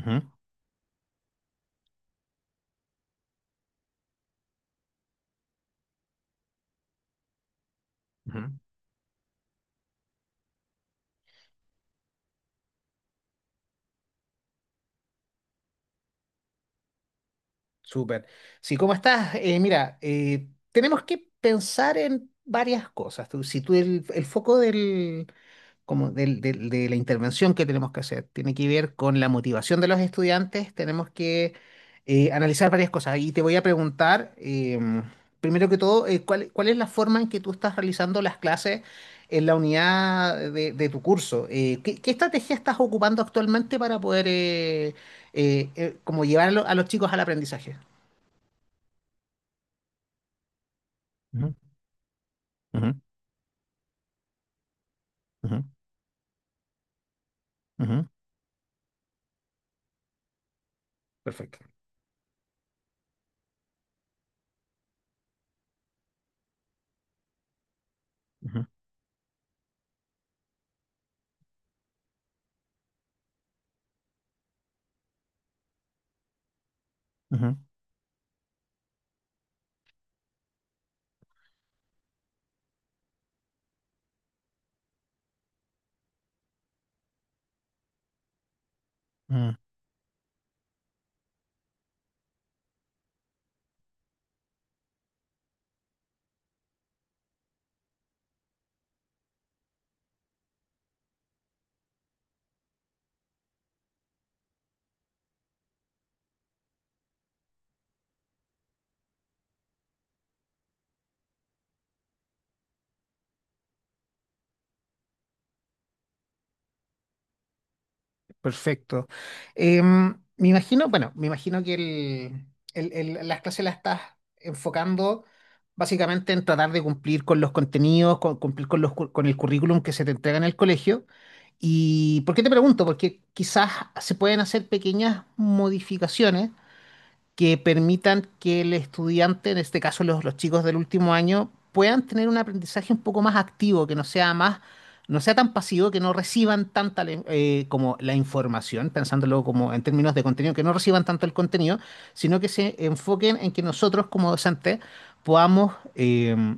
Ujú, ujú. Súper. Sí, ¿cómo estás? Mira, tenemos que pensar en varias cosas. Si tú el foco del, como del- del- de, la intervención que tenemos que hacer tiene que ver con la motivación de los estudiantes. Tenemos que analizar varias cosas. Y te voy a preguntar, primero que todo, cuál es la forma en que tú estás realizando las clases en la unidad de tu curso? Qué estrategia estás ocupando actualmente para poder como llevar a los chicos al aprendizaje? Ujú, ujú, ujú, ujú. Perfecto. Ujú, ujú, ujú. Perfecto. Em, me imagino, bueno, me imagino que el, las clases las estás enfocando básicamente en tratar de cumplir con los contenidos, cumplir con con el currículum que se te entrega en el colegio. ¿Y por qué te pregunto? Porque quizás se pueden hacer pequeñas modificaciones que permitan que el estudiante, en este caso los chicos del último año, puedan tener un aprendizaje un poco más activo, que no sea más, no sea tan pasivo, que no reciban tanta como la información, pensándolo como en términos de contenido, que no reciban tanto el contenido, sino que se enfoquen en que nosotros como docentes podamos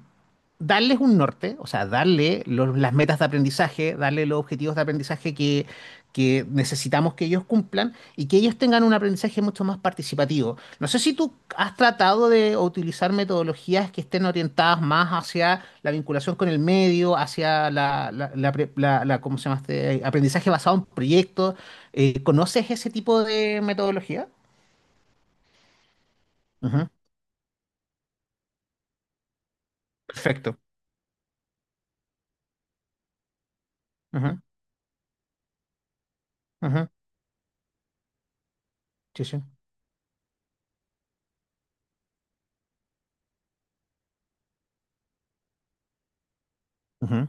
darles un norte, o sea, darle las metas de aprendizaje, darle los objetivos de aprendizaje que necesitamos que ellos cumplan y que ellos tengan un aprendizaje mucho más participativo. No sé si tú has tratado de utilizar metodologías que estén orientadas más hacia la vinculación con el medio, hacia la, la, la pre- la- la- ¿cómo se llama este? Aprendizaje basado en proyectos. ¿Conoces ese tipo de metodología? Ujú. Perfecto. Ujú, ujú. Sí, sí. Ujú,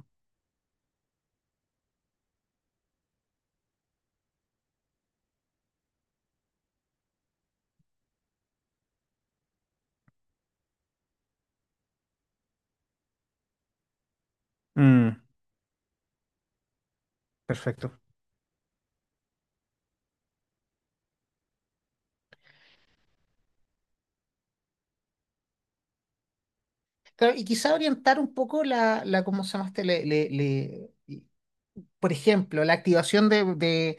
mm, perfecto. Claro, y quizá orientar un poco la ¿cómo se llama este? Por ejemplo, la activación de, de-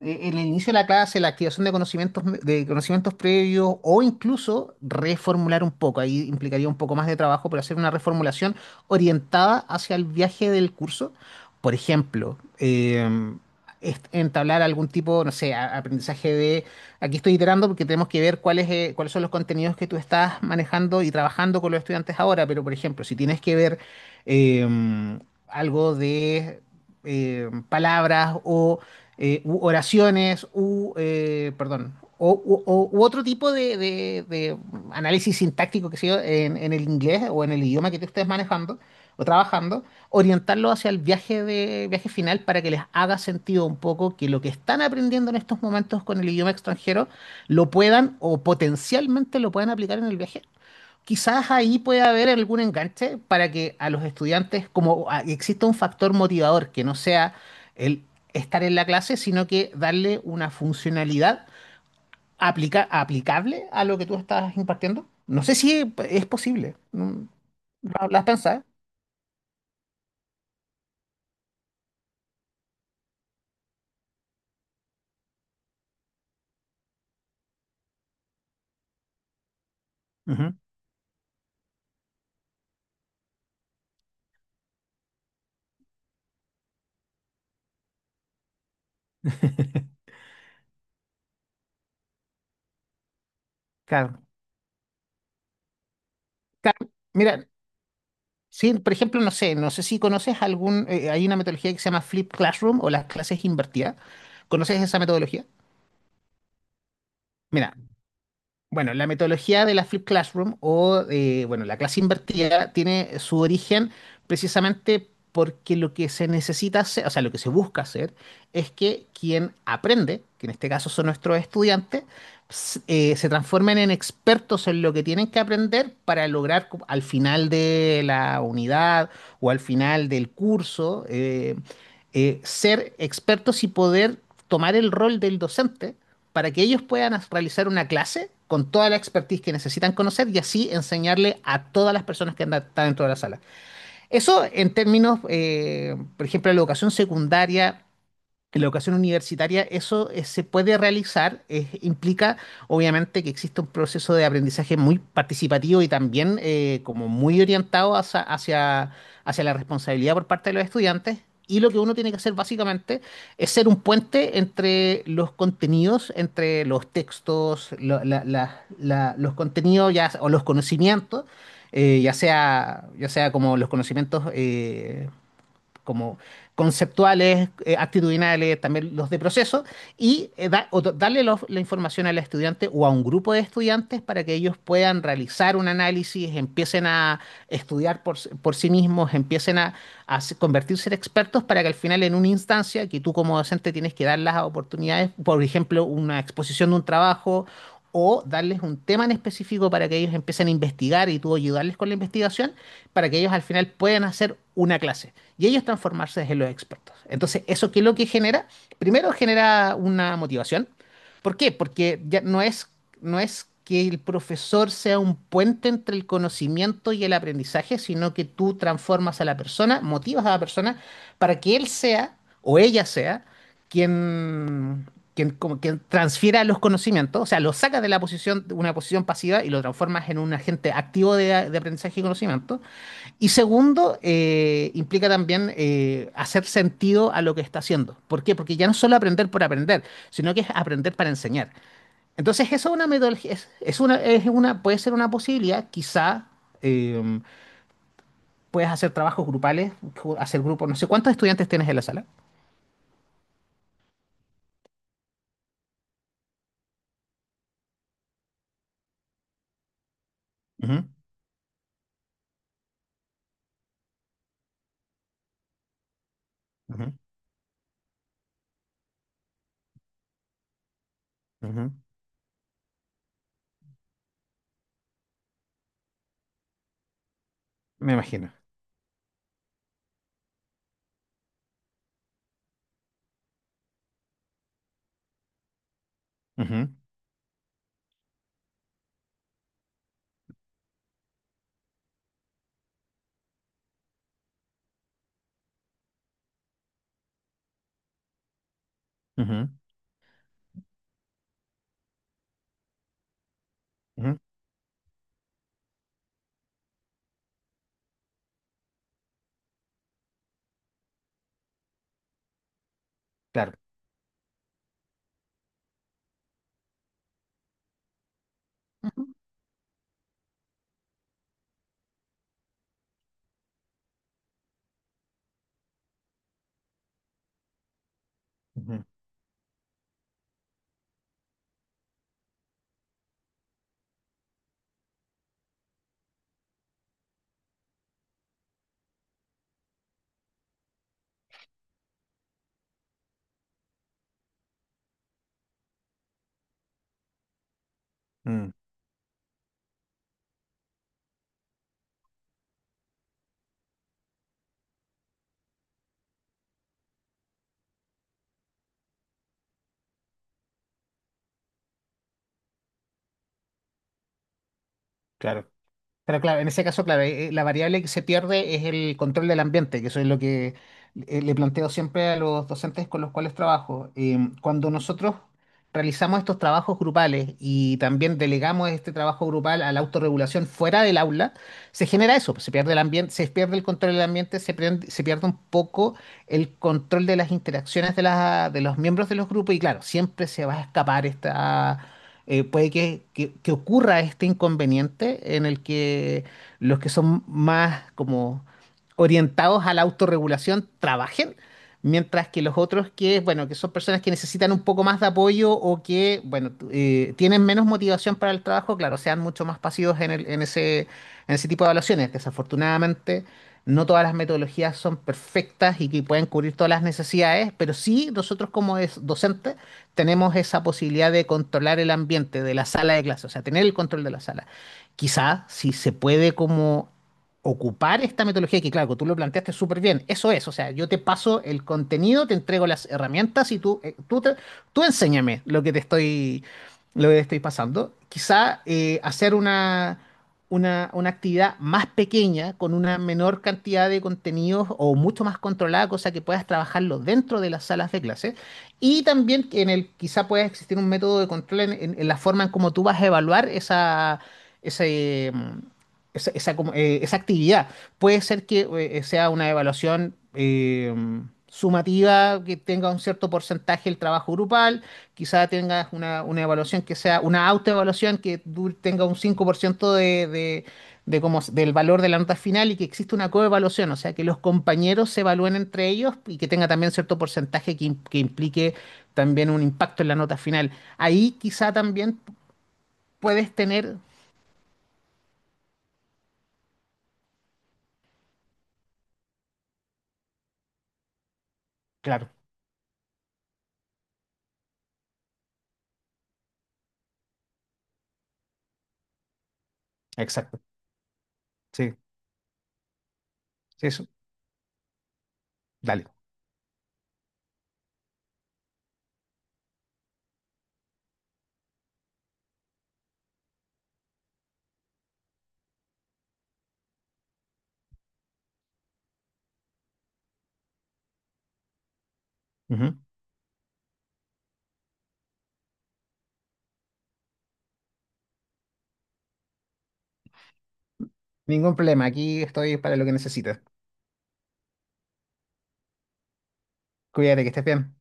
eh, en el inicio de la clase, la activación de conocimientos, de conocimientos previos o incluso reformular un poco. Ahí implicaría un poco más de trabajo, pero hacer una reformulación orientada hacia el viaje del curso. Por ejemplo, entablar algún tipo, no sé, aprendizaje de... Aquí estoy iterando porque tenemos que ver cuáles son los contenidos que tú estás manejando y trabajando con los estudiantes ahora, pero por ejemplo, si tienes que ver... em, algo de palabras o u oraciones u, perdón, u otro tipo de análisis sintáctico que sea en el inglés o en el idioma que tú estés manejando o trabajando, orientarlo hacia el viaje, de, viaje final para que les haga sentido un poco que lo que están aprendiendo en estos momentos con el idioma extranjero lo puedan o potencialmente lo puedan aplicar en el viaje. Quizás ahí puede haber algún enganche para que a los estudiantes, como exista un factor motivador, que no sea el estar en la clase, sino que darle una funcionalidad aplicable a lo que tú estás impartiendo. No sé si es posible. Mm, lo has pensado? Ujú. Claro. Claro. Mira, sí, por ejemplo, no sé, no sé si conoces algún, hay una metodología que se llama Flip Classroom o las clases invertidas. ¿Conoces esa metodología? Mira, bueno, la metodología de la Flip Classroom o, bueno, la clase invertida tiene su origen precisamente porque lo que se necesita hacer, o sea, lo que se busca hacer es que quien aprende, que en este caso son nuestros estudiantes, se transformen en expertos en lo que tienen que aprender para lograr al final de la unidad o al final del curso, ser expertos y poder tomar el rol del docente para que ellos puedan realizar una clase con toda la expertise que necesitan conocer y así enseñarle a todas las personas que andan, están dentro de la sala. Eso en términos, por ejemplo, de la educación secundaria, en la educación universitaria eso se puede realizar, implica obviamente que existe un proceso de aprendizaje muy participativo y también como muy orientado hacia la responsabilidad por parte de los estudiantes. Y lo que uno tiene que hacer básicamente es ser un puente entre los contenidos, entre los textos, los contenidos ya, o los conocimientos, ya sea como los conocimientos como conceptuales, actitudinales, también los de proceso, y darle la información al estudiante o a un grupo de estudiantes para que ellos puedan realizar un análisis, empiecen a estudiar por sí mismos, empiecen a convertirse en expertos para que al final en una instancia que tú como docente tienes que dar las oportunidades, por ejemplo, una exposición de un trabajo o darles un tema en específico para que ellos empiecen a investigar y tú ayudarles con la investigación para que ellos al final puedan hacer una clase y ellos transformarse en los expertos. Entonces, ¿eso qué es lo que genera? Primero genera una motivación. ¿Por qué? Porque ya no es, no es que el profesor sea un puente entre el conocimiento y el aprendizaje, sino que tú transformas a la persona, motivas a la persona para que él sea o ella sea quien, quien transfiera los conocimientos, o sea, lo sacas de la posición, de una posición pasiva y lo transformas en un agente activo de aprendizaje y conocimiento. Y segundo, implica también hacer sentido a lo que está haciendo. ¿Por qué? Porque ya no es solo aprender por aprender, sino que es aprender para enseñar. Entonces, eso es una metodología, puede ser una posibilidad, quizá eh, puedes hacer trabajos grupales, hacer grupos, no sé cuántos estudiantes tienes en la sala. Ujú, ujú, ujú. Me imagino. Ujú, ujú, ujú. Claro. Ujú, ujú. Mm, claro. Pero claro, en ese caso, claro, la variable que se pierde es el control del ambiente, que eso es lo que le planteo siempre a los docentes con los cuales trabajo. Cuando nosotros realizamos estos trabajos grupales y también delegamos este trabajo grupal a la autorregulación fuera del aula, se genera eso, pues, se pierde el ambiente, se pierde el control del ambiente, se pierde un poco el control de las interacciones de los miembros de los grupos y claro, siempre se va a escapar esta puede que, que ocurra este inconveniente en el que los que son más como orientados a la autorregulación trabajen, mientras que los otros que, bueno, que son personas que necesitan un poco más de apoyo o que, bueno, tienen menos motivación para el trabajo, claro, sean mucho más pasivos en en ese tipo de evaluaciones. Desafortunadamente, no todas las metodologías son perfectas y que pueden cubrir todas las necesidades, pero sí nosotros como docentes tenemos esa posibilidad de controlar el ambiente de la sala de clase, o sea, tener el control de la sala. Quizás si se puede como ocupar esta metodología, que claro, tú lo planteaste súper bien, eso es, o sea, yo te paso el contenido, te entrego las herramientas y tú, tú enséñame lo que te estoy, lo que te estoy pasando. Quizá hacer una actividad más pequeña, con una menor cantidad de contenidos o mucho más controlada, cosa que puedas trabajarlo dentro de las salas de clase y también que en el quizá pueda existir un método de control en la forma en cómo tú vas a evaluar ese, mm, esa como, esa actividad. Puede ser que sea una evaluación sumativa, que tenga un cierto porcentaje el trabajo grupal, quizá tengas una evaluación que sea una autoevaluación que tenga un 5% de cómo, del valor de la nota final y que existe una coevaluación, o sea, que los compañeros se evalúen entre ellos y que tenga también cierto porcentaje que implique también un impacto en la nota final. Ahí quizá también puedes tener... Claro, exacto. Sí, sí, eso. Dale. Ujú. Ningún problema, aquí estoy para lo que necesites. Cuídate, que estés bien.